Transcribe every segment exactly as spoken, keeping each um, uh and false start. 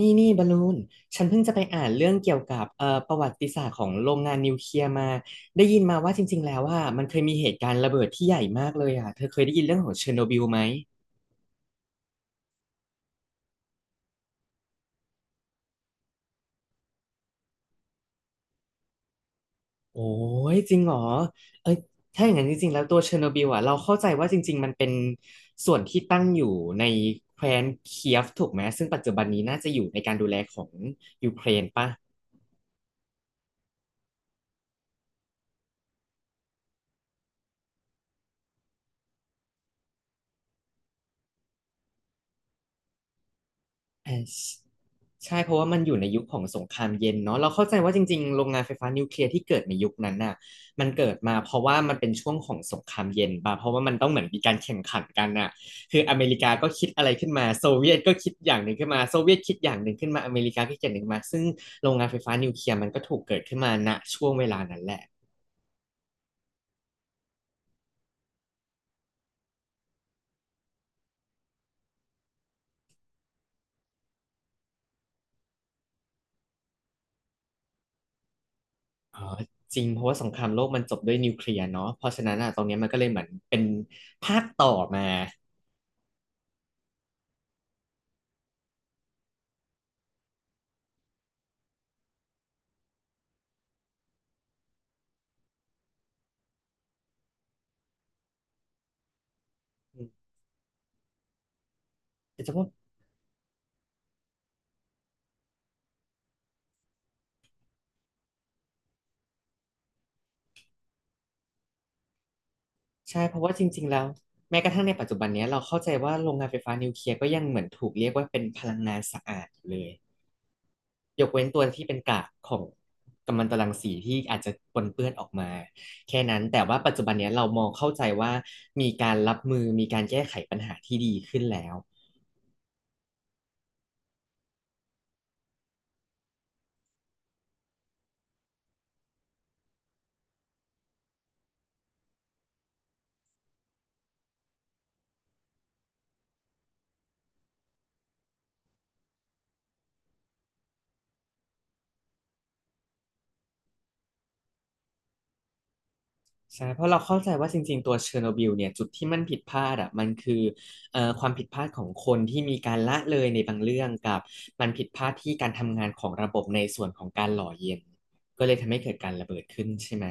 นี่นี่บอลลูน ฉันเพิ่งจะไปอ่านเรื่องเกี่ยวกับเอ่อประวัติศาสตร์ของโรงงานนิวเคลียร์มา ได้ยินมาว่าจริงๆแล้วว่ามันเคยมีเหตุการณ์ระเบิดที่ใหญ่มากเลยอ่ะ เธอเคยได้ยินเรื่องของเชอร์โนบิลไหม โอ้ยจริงเหรอเอ้ยถ้าอย่างนั้นจริงๆแล้วตัวเชอร์โนบิลอ่ะเราเข้าใจว่าจริงๆมันเป็นส่วนที่ตั้งอยู่ในแคว้นเคียฟถูกไหม ซึ่งปัจจุบันนี้น่าจะอยู่ในการดูแลของยูเครนป่ะอ่า ใช่เพราะว่ามันอยู่ในยุคของสงครามเย็นเนาะเราเข้าใจว่าจริงๆโรงงานไฟฟ้านิวเคลียร์ที่เกิดในยุคนั้นน่ะมันเกิดมาเพราะว่ามันเป็นช่วงของสงครามเย็นป่ะเพราะว่ามันต้องเหมือนมีการแข่งขันกันน่ะคืออเมริกาก็คิดอะไรขึ้นมาโซเวียตก็คิดอย่างหนึ่งขึ้นมาโซเวียตคิดอย่างหนึ่งขึ้นมาอเมริกาก็คิดอย่างหนึ่งมาซึ่งโรงงานไฟฟ้านิวเคลียร์มันก็ถูกเกิดขึ้นมาณช่วงเวลานั้นแหละอ๋อจริงเพราะว่าสงครามโลกมันจบด้วยนิวเคลียร์เนาะเพราะฉะนั้นอ่ะตรงเนี้ยมันก็เลยเหมือนเป็นภาคต่อมาจะว่า ใช่เพราะว่าจริงๆแล้วแม้กระทั่งในปัจจุบันเนี้ยเราเข้าใจว่าโรงงานไฟฟ้านิวเคลียร์ก็ยังเหมือนถูกเรียกว่าเป็นพลังงานสะอาดอยู่เลยยกเว้นตัวที่เป็นกากของกัมมันตรังสีที่อาจจะปนเปื้อนออกมาแค่นั้นแต่ว่าปัจจุบันเนี้ยเรามองเข้าใจว่ามีการรับมือมีการแก้ไขปัญหาที่ดีขึ้นแล้ว ใช่เพราะเราเข้าใจว่าจริงๆตัวเชอร์โนบิลเนี่ยจุดที่มันผิดพลาดอ่ะมันคือเอ่อความผิดพลาดของคนที่มีการละเลยในบางเรื่องกับมันผิดพลาดที่การทำงานของระบบในส่วนของการหล่อเย็นก็เลยทำให้เกิดการระเบิดขึ้นใช่ไหม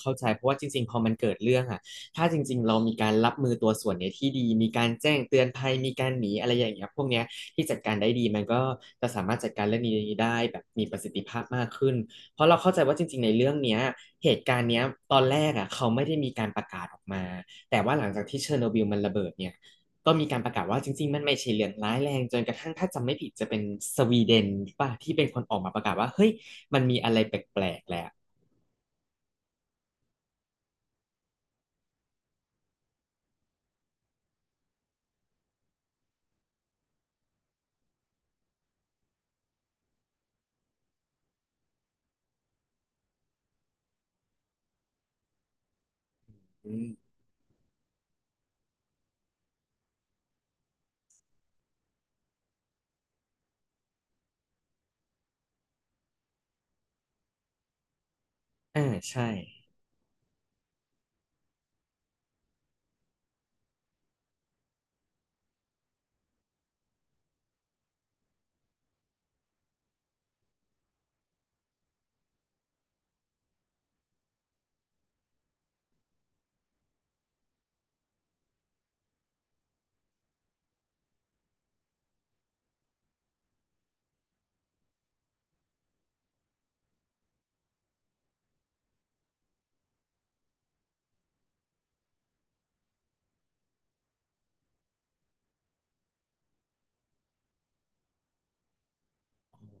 เข้าใจเพราะว่าจริงๆ พอมันเกิดเรื่องอะถ้าจริงๆเรามีการรับมือตัวส่วนเนี้ยที่ดีมีการแจ้งเตือนภัยมีการหนีอะไรอย่างเงี้ยพวกเนี้ยที่จัดการได้ดีมันก็จะสามารถจัดการเรื่องนี้ได้แบบมีประสิทธิภาพมากขึ้นเพราะเราเข้าใจว่าจริงๆในเรื่องเนี้ยเหตุการณ์เนี้ยตอนแรกอะเขาไม่ได้มีการประกาศออกมาแต่ว่าหลังจากที่เชอร์โนบิลมันระเบิดเนี่ยก็มีการประกาศว่าจริงๆมันไม่ใช่เรื่องร้ายแรงจนกระทั่งถ้าจำไม่ผิดจะเป็นสวีเดนป่ะที่เป็นคนออกมาประกาศว่าเฮ้ยมันมีอะไรแปลกๆแหละอืมอ่าใช่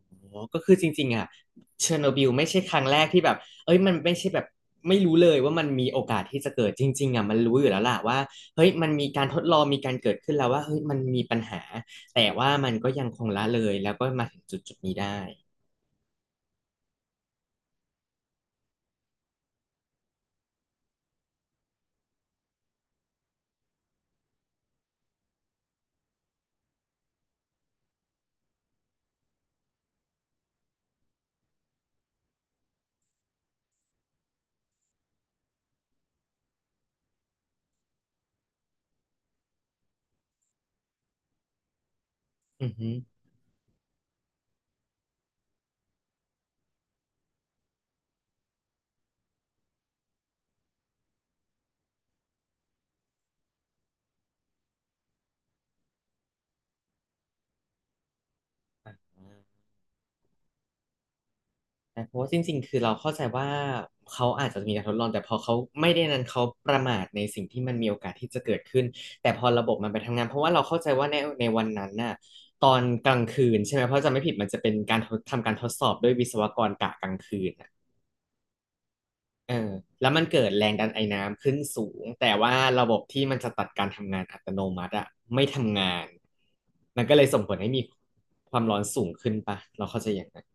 โอ้ก็คือจริงๆอ่ะเชอร์โนบิลไม่ใช่ครั้งแรกที่แบบเอ้ยมันไม่ใช่แบบไม่รู้เลยว่ามันมีโอกาสที่จะเกิดจริงๆอ่ะมันรู้อยู่แล้วล่ะว่าเฮ้ยมันมีการทดลองมีการเกิดขึ้นแล้วว่าเฮ้ยมันมีปัญหาแต่ว่ามันก็ยังคงละเลยแล้วก็มาถึงจุดๆนี้ได้อือฮึ น่เพราะว่าจริงๆคือเราเข้าใจว่าเขาอาจจะมีการทดลองแต่พอเขาไม่ได้นั้นเขาประมาทในสิ่งที่มันมีโอกาสที่จะเกิดขึ้นแต่พอระบบมันไปทำงานเพราะว่าเราเข้าใจว่าในในวันนั้นน่ะตอนกลางคืนใช่ไหมเพราะจะไม่ผิดมันจะเป็นการทดทำการทดสอบด้วยวิศวกรกะกลางคืนน่ะเออแล้วมันเกิดแรงดันไอน้ำขึ้นสูงแต่ว่าระบบที่มันจะตัดการทำงานอัตโนมัติอะไม่ทำงานมันก็เลยส่งผลให้มีความร้อนสูงขึ้นปะเราเข้าใจอย่างนั้น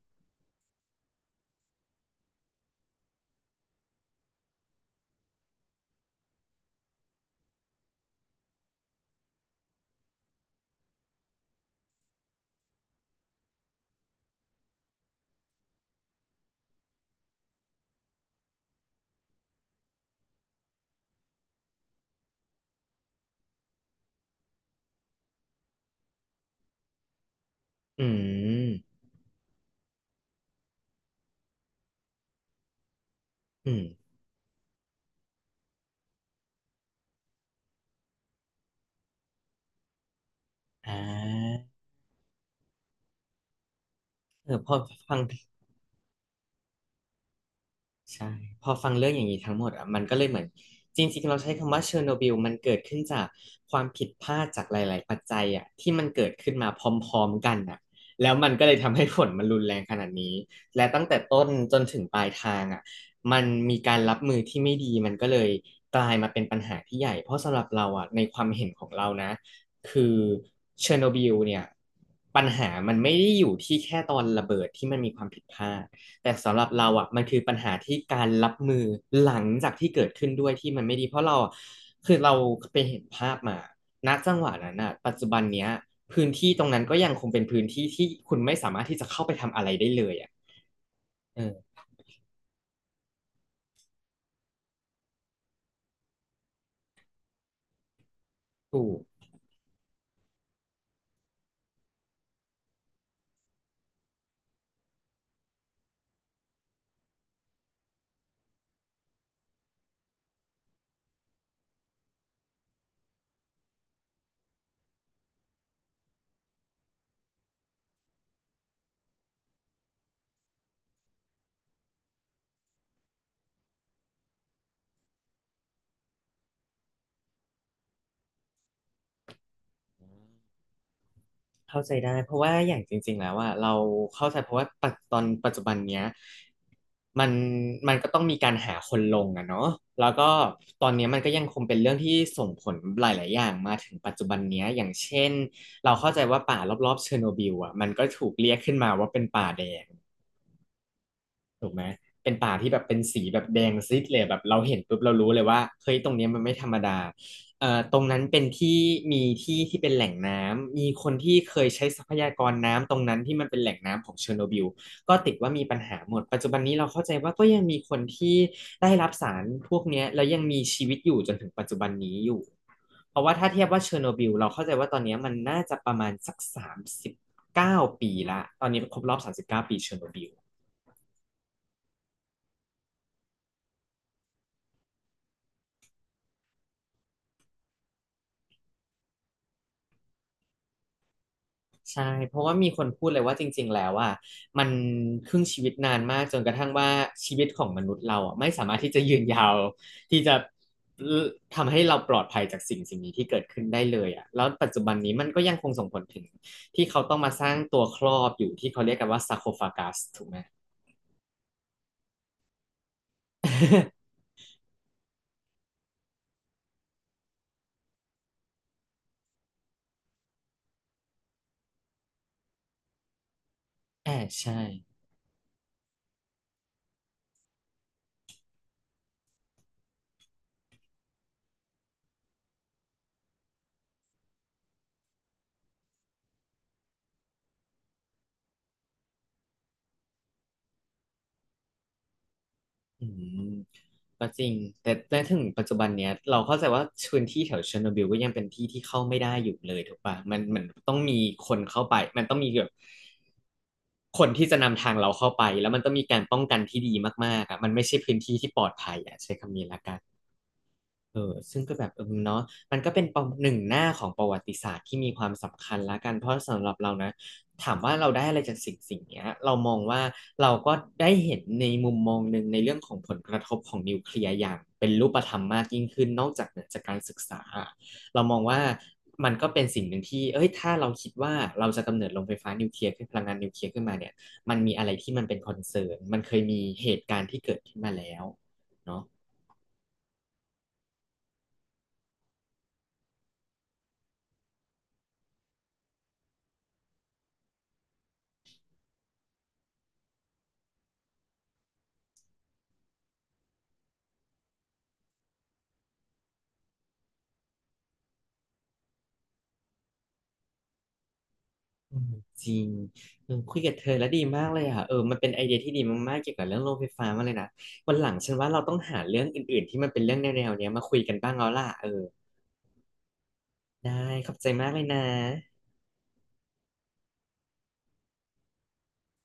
อืมอืมอ่า เออพอฟังใช่พอฟังเรื่องอย่างนี้ทั้งหมดอ่ะมันก็เลยเหมือนจริงๆเราใช้คำว่าเชอร์โนบิลมันเกิดขึ้นจากความผิดพลาดจากหลายๆปัจจัยอ่ะที่มันเกิดขึ้นมาพร้อมๆกันอ่ะแล้วมันก็เลยทำให้ผลมันรุนแรงขนาดนี้และตั้งแต่ต้นจนถึงปลายทางอ่ะมันมีการรับมือที่ไม่ดีมันก็เลยกลายมาเป็นปัญหาที่ใหญ่เพราะสำหรับเราอ่ะในความเห็นของเรานะคือเชอร์โนบิลเนี่ยปัญหามันไม่ได้อยู่ที่แค่ตอนระเบิดที่มันมีความผิดพลาด แต่สำหรับเราอ่ะมันคือปัญหาที่การรับมือหลังจากที่เกิดขึ้นด้วยที่มันไม่ดีเพราะเราอะคือเราไปเห็นภาพมาณจังหวะนั้นอ่ะปัจจุบันเนี้ยพื้นที่ตรงนั้นก็ยังคงเป็นพื้นที่ที่คุณไม่สามารถที่จะเข้าไปทำอะไรได้เลยอ่ะเออถูก เข้าใจได้เพราะว่าอย่างจริงๆแล้วว่าเราเข้าใจเพราะว่าปัจตอนปัจจุบันเนี้ยมันมันก็ต้องมีการหาคนลงอะเนาะแล้วก็ตอนเนี้ยมันก็ยังคงเป็นเรื่องที่ส่งผลหลายๆอย่างมาถึงปัจจุบันเนี้ยอย่างเช่นเราเข้าใจว่าป่ารอบๆเชอร์โนบิลอะมันก็ถูกเรียกขึ้นมาว่าเป็นป่าแดง ถูกไหมเป็นป่าที่แบบเป็นสีแบบแดงซีดเลยแบบเราเห็นปุ๊บเรารู้เลยว่าเฮ้ยตรงเนี้ยมันไม่ธรรมดาเอ่อตรงนั้นเป็นที่มีที่ที่เป็นแหล่งน้ำมีคนที่เคยใช้ทรัพยากรน้ำตรงนั้นที่มันเป็นแหล่งน้ำของเชอร์โนบิลก็ติดว่ามีปัญหาหมดปัจจุบันนี้เราเข้าใจว่าก็ยังมีคนที่ได้รับสารพวกเนี้ยแล้วยังมีชีวิตอยู่จนถึงปัจจุบันนี้อยู่เพราะว่าถ้าเทียบว่าเชอร์โนบิลเราเข้าใจว่าตอนเนี้ยมันน่าจะประมาณสักสามสิบเก้าปีละตอนนี้ครบรอบสามสิบเก้าปีเชอร์โนบิล ใช่ เพราะว่ามีคนพูดเลยว่าจริงๆ แล้วอ่ะมันครึ่งชีวิตนานมากจนกระทั่งว่าชีวิตของมนุษย์เราอ่ะไม่สามารถที่จะยืนยาวที่จะทำให้เราปลอดภัยจากสิ่งสิ่งนี้ที่เกิดขึ้นได้เลยอ่ะแล้วปัจจุบันนี้มันก็ยังคงส่งผลถึงที่เขาต้องมาสร้างตัวครอบอยู่ที่เขาเรียกกันว่าซาโคฟากัสถูกไหม แอบใช่ อืมก็จริงแต่แต่ถึงปัจจุบันเนี้ยเราเข้าใจว่าพื้นที่แถวเชอร์โนบิลก็ยังเป็นที่ที่เข้าไม่ได้อยู่เลยถูกปะมันมันต้องมีคนเข้าไปมันต้องมีแบบคนที่จะนำทางเราเข้าไปแล้วมันต้องมีการป้องกันที่ดีมากๆอ่ะมันไม่ใช่พื้นที่ที่ปลอดภัยอ่ะใช้คำนี้ละกัน เออซึ่งก็แบบเออเนาะมันก็เป็นประหนึ่งหน้าของประวัติศาสตร์ที่มีความสำคัญละกันเพราะสำหรับเรานะ ถามว่าเราได้อะไรจากสิ่งสิ่งเนี้ยเรามองว่าเราก็ได้เห็นในมุมมองหนึ่งในเรื่องของผลกระทบของนิวเคลียร์อย่างเป็นรูปธรรมมากยิ่งขึ้นนอกจากเหนือจากการศึกษาเรามองว่ามันก็เป็นสิ่งหนึ่งที่เอ้ยถ้าเราคิดว่าเราจะกำเนิดโรงไฟฟ้านิวเคลียร์ขึ้นพลังงานนิวเคลียร์ขึ้นมาเนี่ยมันมีอะไรที่มันเป็นคอนเซิร์นมันเคยมีเหตุการณ์ที่เกิดขึ้นมาแล้วเนาะ อืมจริงเออคุยกับเธอแล้วดีมากเลยอ่ะเออมันเป็นไอเดียที่ดีมากๆเกี่ยวกับเรื่องโรงไฟฟ้ามาเลยนะวันหลังฉันว่าเราต้องหาเรื่องอื่นๆที่มันเป็นเรื่องแนวๆเนี้ยมาคุยกันบ้างแล้วล่ะเออได้ขอบใจมากเลยนะ